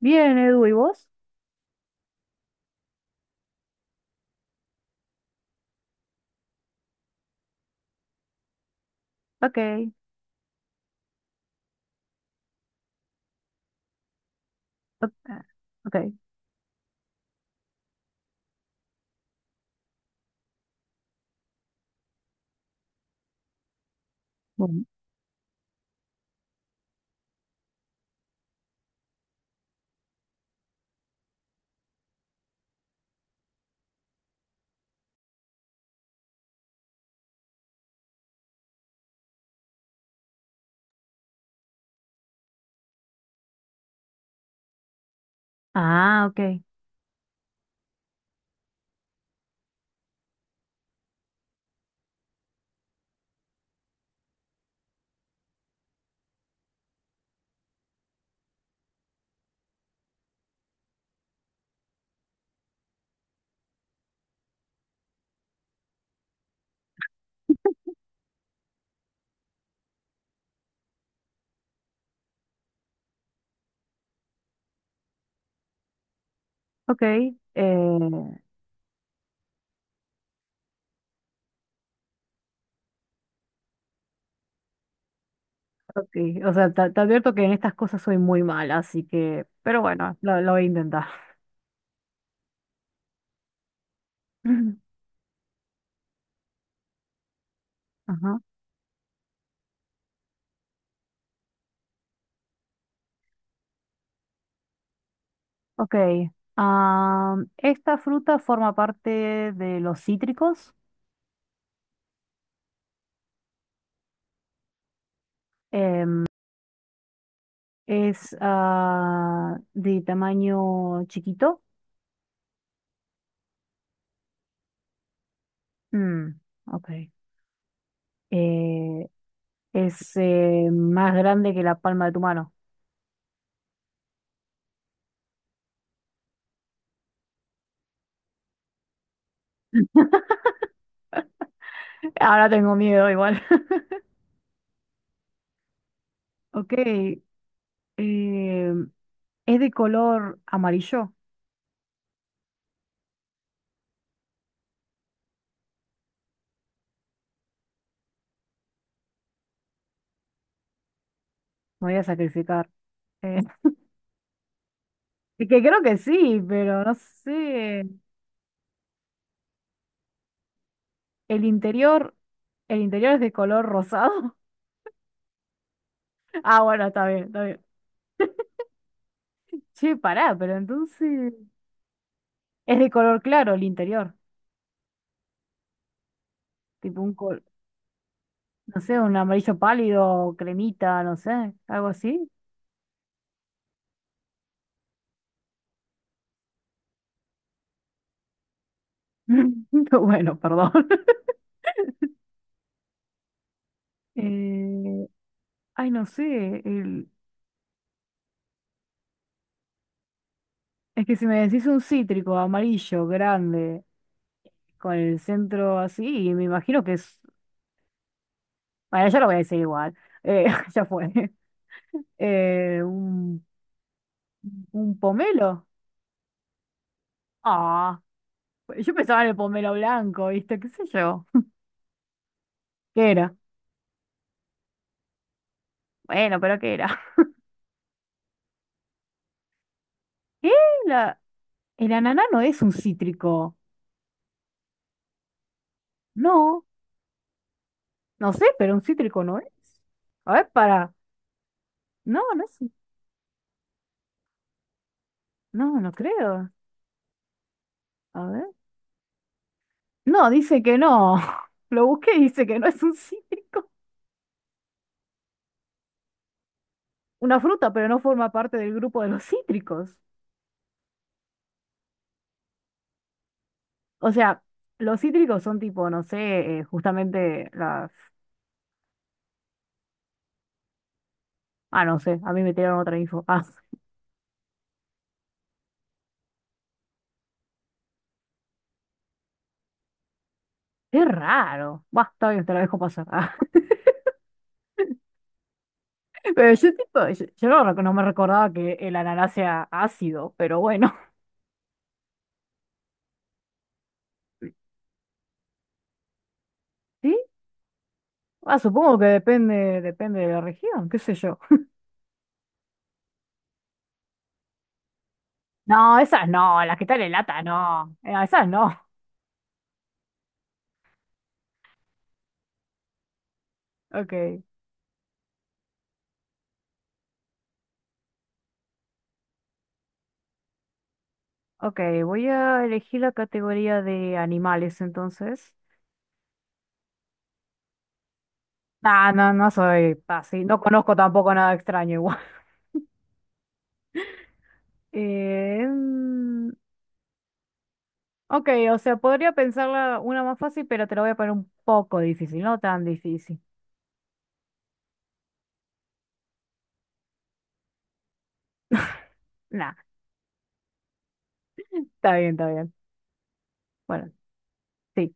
Bien, Edu, ¿y vos? Ok, ok, ok, bueno. Ah, ok, ok, eh, ok. O sea, te advierto que en estas cosas soy muy mala, así que, pero bueno, lo voy a intentar. Ajá, ok. Esta fruta forma parte de los cítricos. em, es de tamaño chiquito. Mm, ok. Eh, es más grande que la palma de tu mano. Ahora tengo miedo igual. Ok, es de color amarillo. Me voy a sacrificar. Eh, que creo que sí, pero no sé. El interior, el interior es de color rosado. Ah, bueno, está bien, está bien. Che, pará, pero entonces es de color claro el interior. Tipo no sé, un amarillo pálido, cremita, no sé, algo así. Bueno, perdón. Eh, Ay, no sé. Es que si me decís un cítrico amarillo grande con el centro así, me imagino que es. Bueno, yo lo voy a decir igual. Eh, ya fue. Eh, un, un pomelo. Ah, yo pensaba en el pomelo blanco, ¿viste? ¿Qué sé yo? ¿Qué era? Bueno, pero ¿qué era? ¿Qué? La- El ananá no es un cítrico. No, no sé, pero un cítrico no es. A ver, para. No, no es. No, no creo. A ver. No, dice que no. Lo busqué y dice que no es un cítrico. Una fruta, pero no forma parte del grupo de los cítricos. O sea, los cítricos son tipo, no sé, justamente las... Ah, no sé, a mí me tiraron otra info. Ah, qué raro. Bah, está bien, te la dejo pasar. Ah, pero yo tipo, yo, no me recordaba que el ananá sea ácido, pero bueno. ¿Sí? Ah, supongo que depende, depende de la región, qué sé yo. No, esas no, las que están en lata no. Esas no. Ok. Ok, voy a elegir la categoría de animales entonces. Ah, no, no soy así, no conozco tampoco nada extraño igual. Eh, mm, ok, o sea, podría pensarla una más fácil, pero te la voy a poner un poco difícil, no tan difícil. Nah, está bien, está bien. Bueno, sí,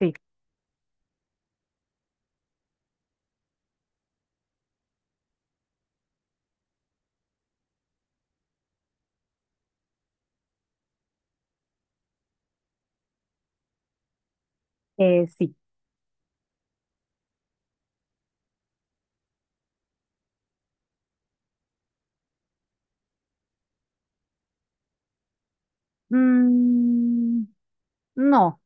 sí, sí. Mm, no,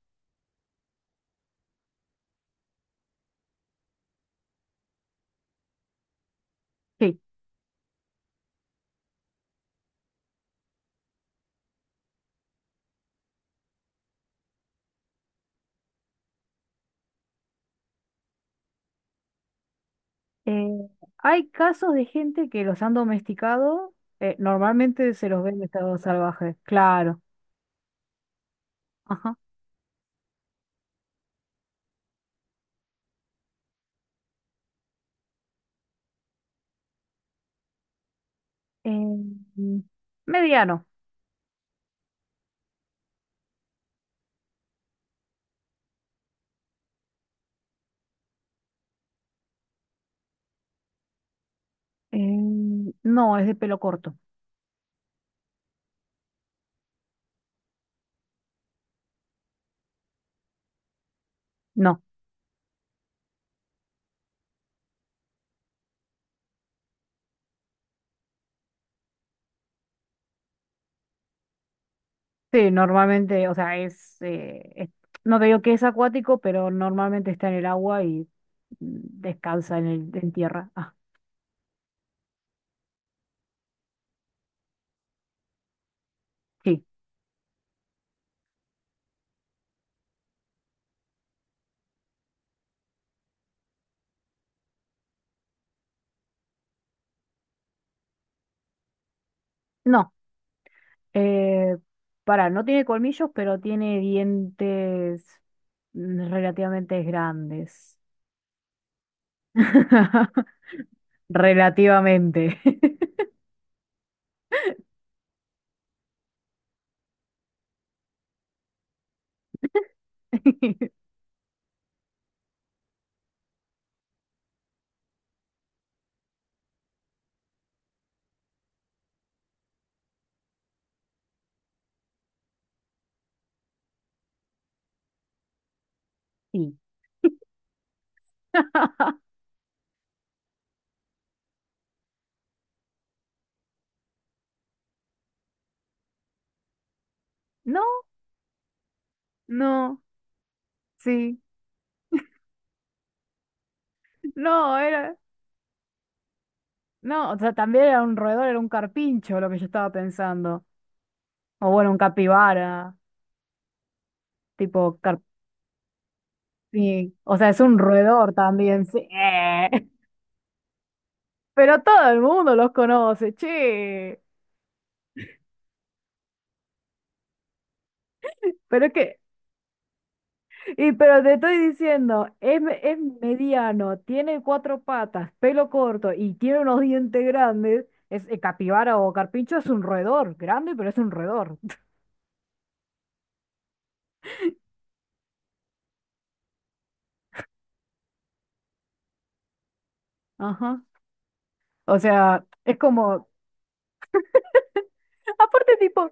sí. Eh, Hay casos de gente que los han domesticado, normalmente se los ven en estado salvaje, claro. Ajá. Em, Mediano. No, es de pelo corto. No. Sí, normalmente, o sea, no te digo que es acuático, pero normalmente está en el agua y descansa en tierra. Ah, sí. No. Eh, Pará, no tiene colmillos, pero tiene dientes relativamente grandes. Relativamente. Sí. No, no, sí. No, era, no, o sea, también era un roedor, era un carpincho lo que yo estaba pensando. O bueno, un capibara, tipo carpín. O sea, es un roedor también, sí. Pero todo el mundo los conoce, che. Pero es que, y pero te estoy diciendo, es mediano, tiene cuatro patas, pelo corto y tiene unos dientes grandes. Es capibara o carpincho, es un roedor, grande, pero es un roedor. Ajá. O sea, es como, aparte tipo.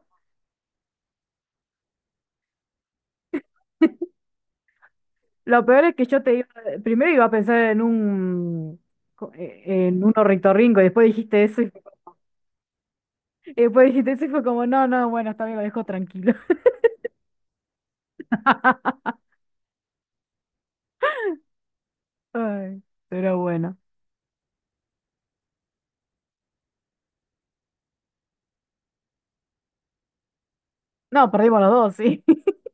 Lo peor es que primero iba a pensar en co- eh, en un ornitorrinco y después dijiste eso y, fue co- y después dijiste eso y fue como, no, no, bueno, está bien, lo dejo tranquilo. Ay, pero bueno. No, perdimos los dos, sí.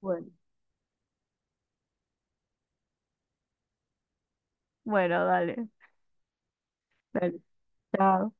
Bueno, bueno, dale, dale. Chao.